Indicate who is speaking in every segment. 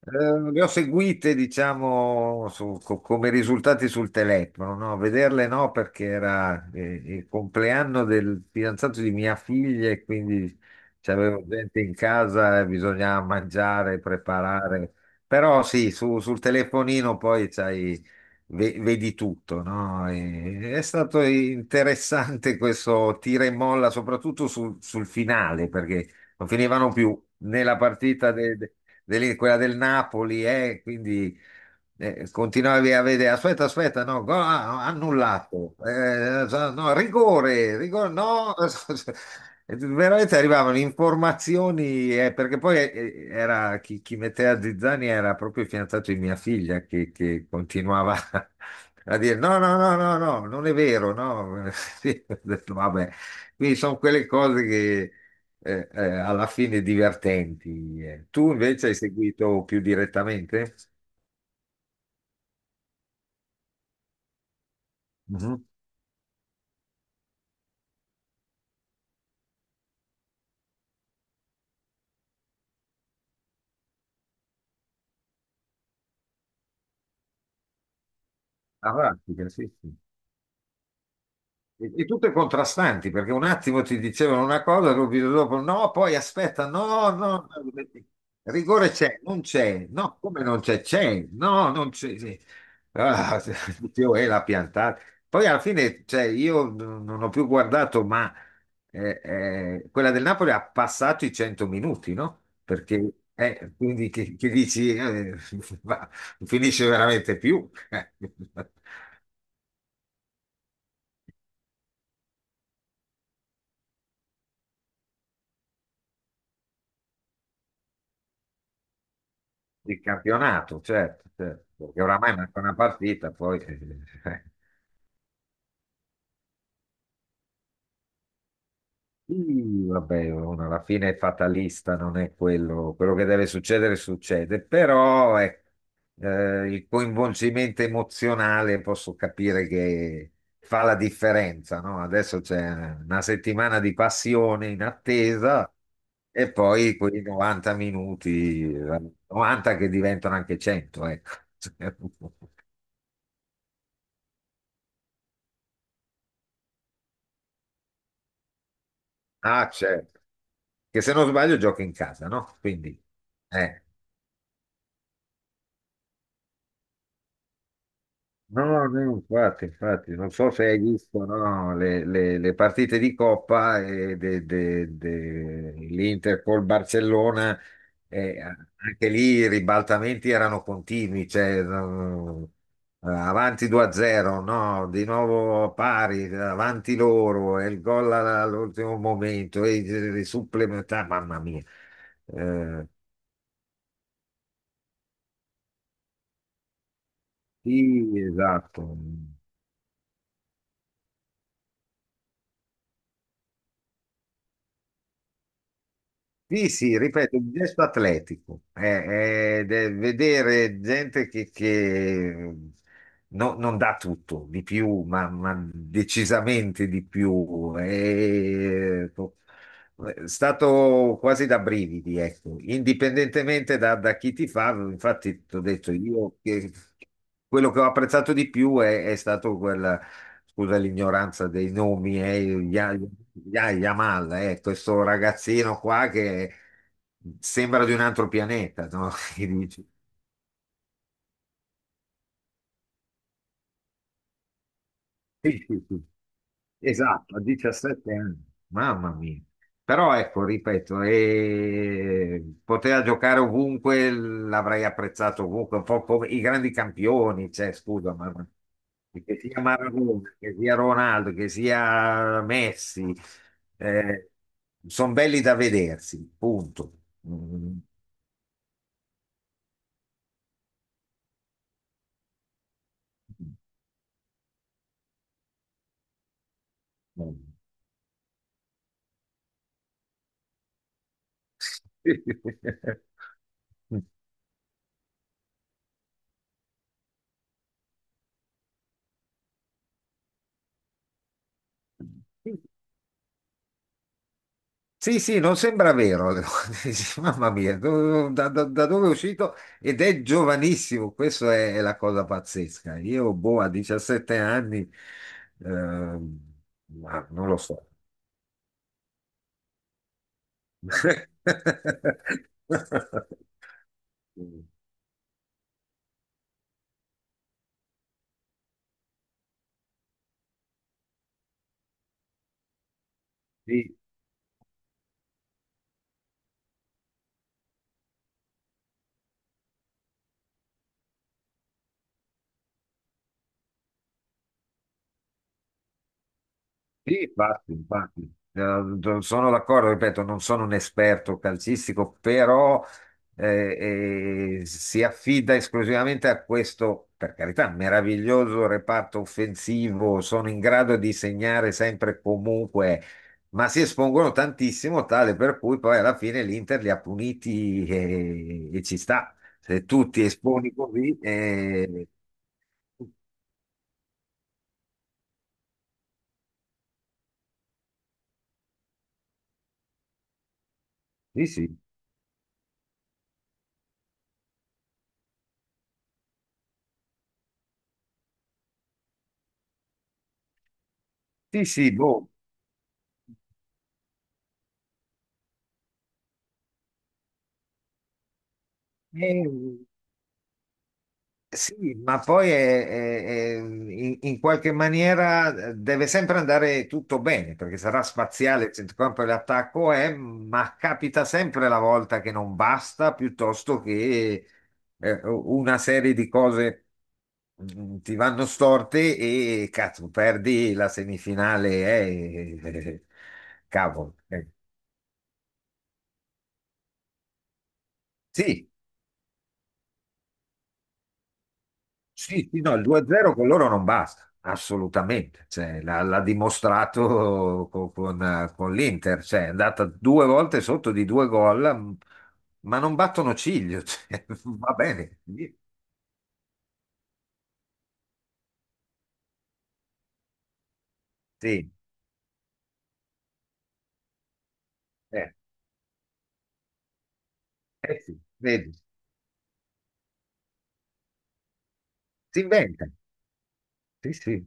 Speaker 1: Le ho seguite, diciamo, come risultati sul telefono, no? Vederle no, perché era il compleanno del fidanzato di mia figlia e quindi c'avevo gente in casa e bisognava mangiare, preparare. Però sì, sul telefonino poi c'hai, vedi tutto, no? È stato interessante questo tira e molla, soprattutto sul finale, perché non finivano più né la partita quella del Napoli, quindi continuavi a vedere, aspetta, aspetta, no, gol, ah, no, annullato, so, no, rigore, rigore, no, veramente arrivavano informazioni, perché poi era, chi metteva Zizzani era proprio il fidanzato di mia figlia che continuava a dire no, no, no, no, no, non è vero, no, sì, ho detto, vabbè, quindi sono quelle cose che alla fine divertenti. Tu invece hai seguito più direttamente? Mhm. Ah, pratica, sì, sì. E tutte contrastanti, perché un attimo ti dicevano una cosa, subito dopo no, poi aspetta, no, no, no, rigore c'è, non c'è, no, come non c'è, c'è, no, non c'è. Sì. Ah, dicevo, l'ha piantata. Poi alla fine, cioè, io non ho più guardato, ma quella del Napoli ha passato i 100 minuti, no? Perché, quindi che dici, va, non finisce veramente più. Di campionato, certo, certo, perché oramai manca una partita. Sì, vabbè, uno alla fine è fatalista, non è quello, quello che deve succedere succede, però ecco, il coinvolgimento emozionale posso capire che fa la differenza, no? Adesso c'è una settimana di passione in attesa e poi quei 90 minuti, 90 che diventano anche 100, ecco. Ah, certo. Che se non sbaglio gioca in casa, no? Quindi, eh. No, no, no, infatti, infatti, non so se hai visto, no, le partite di Coppa e l'Inter col Barcellona, anche lì i ribaltamenti erano continui, cioè, no, avanti 2-0, no, di nuovo pari, avanti loro, e il gol all'ultimo momento, e i supplementari, mamma mia. Eh, Sì, esatto. Sì, sì, ripeto, un gesto atletico. Ed è vedere gente che non dà tutto, di più, ma decisamente di più. È stato quasi da brividi, ecco. Indipendentemente da chi ti fa, infatti, ti ho detto io che quello che ho apprezzato di più è stato quel scusa l'ignoranza dei nomi, Ya- Yamal, questo ragazzino qua che sembra di un altro pianeta, no? Sì, sì, sì. Esatto, a 17 anni, mamma mia. Però ecco, ripeto, poteva giocare ovunque, l'avrei apprezzato ovunque, un po' come i grandi campioni, cioè, scusa, che sia Maradona, che sia Ronaldo, che sia Messi, sono belli da vedersi, punto. Mm. Sì, sì, non sembra vero. Dici, mamma mia, da dove è uscito? Ed è giovanissimo, questa è la cosa pazzesca. Io, boh, a 17 anni, ehm, ma non lo so. Sì, sì, infatti, infatti. Sono d'accordo, ripeto, non sono un esperto calcistico, però si affida esclusivamente a questo, per carità, meraviglioso reparto offensivo, sono in grado di segnare sempre e comunque, ma si espongono tantissimo, tale per cui poi alla fine l'Inter li ha puniti e ci sta. Se tu ti esponi così, sì, sì, sì, sì, boh. Eh, Sì, ma poi in qualche maniera deve sempre andare tutto bene, perché sarà spaziale il centrocampo e l'attacco è, ma capita sempre la volta che non basta, piuttosto che una serie di cose ti vanno storte e cazzo, perdi la semifinale, eh, cavolo. Sì. Sì, sì, no, il 2-0 con loro non basta, assolutamente. Cioè, l'ha dimostrato con l'Inter, cioè, è andata due volte sotto di due gol, ma non battono ciglio. Cioè, va bene, sì, sì, eh, eh sì, vedi, si inventa, sì, sì.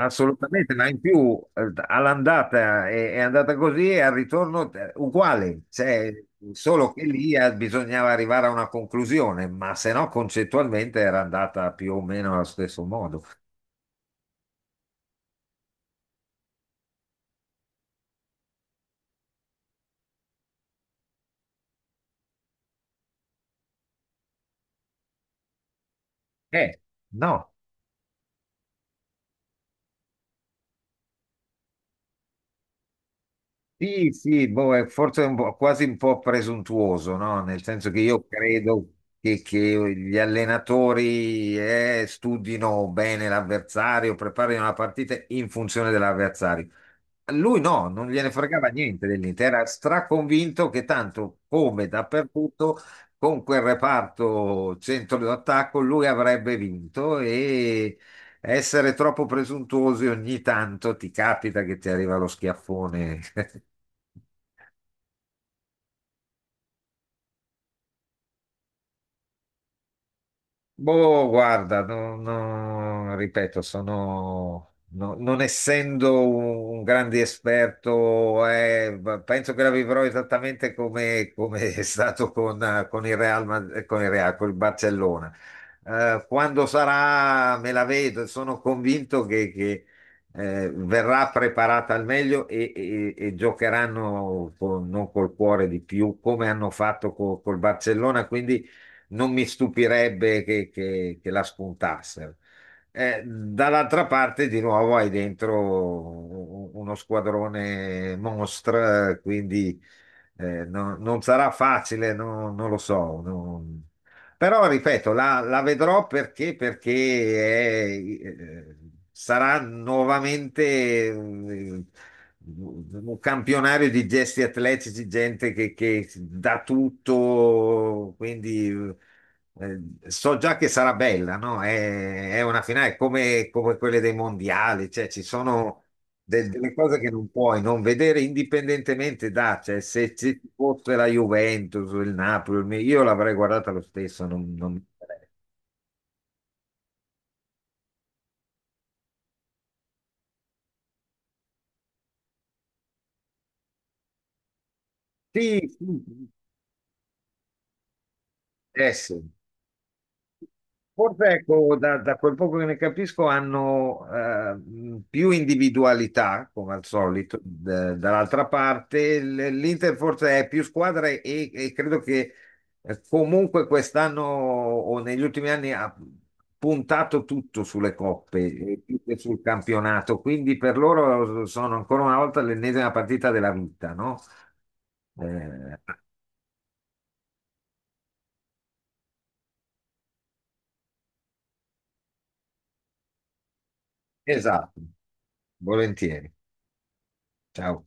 Speaker 1: Assolutamente, ma in più all'andata è andata così e al ritorno uguale, cioè, solo che lì bisognava arrivare a una conclusione, ma se no concettualmente era andata più o meno allo stesso modo. Eh, no, sì, sì, boh, è forse un po', quasi un po' presuntuoso, no? Nel senso che io credo che gli allenatori studino bene l'avversario, preparino la partita in funzione dell'avversario. Lui no, non gliene fregava niente dell'Inter, era straconvinto che tanto come dappertutto con quel reparto centro d'attacco lui avrebbe vinto e essere troppo presuntuosi ogni tanto ti capita che ti arriva lo schiaffone. Boh, guarda, no, ripeto, sono, non essendo un grande esperto, penso che la vivrò esattamente come è stato con il con il Real, con il Barcellona. Quando sarà, me la vedo, sono convinto verrà preparata al meglio e giocheranno non col cuore di più, come hanno fatto col Barcellona. Quindi non mi stupirebbe che la spuntassero. Dall'altra parte, di nuovo, hai dentro uno squadrone mostra, quindi non sarà facile, non lo so. Però, ripeto, la vedrò perché è- eh, sarà nuovamente un campionario di gesti atletici, gente che dà tutto, quindi eh, so già che sarà bella, no? È una finale come quelle dei mondiali, cioè ci sono delle cose che non puoi non vedere indipendentemente da, cioè se ci fosse la Juventus, il Napoli, io l'avrei guardata lo stesso, non, non... mi interessa. Sì, sì, mi interessa. Forse ecco, da quel poco che ne capisco, hanno più individualità, come al solito, dall'altra parte. L'Inter forse è più squadra e credo che comunque quest'anno o negli ultimi anni ha puntato tutto sulle coppe, più che sul campionato. Quindi per loro sono ancora una volta l'ennesima partita della vita, no? Eh, esatto, volentieri. Ciao.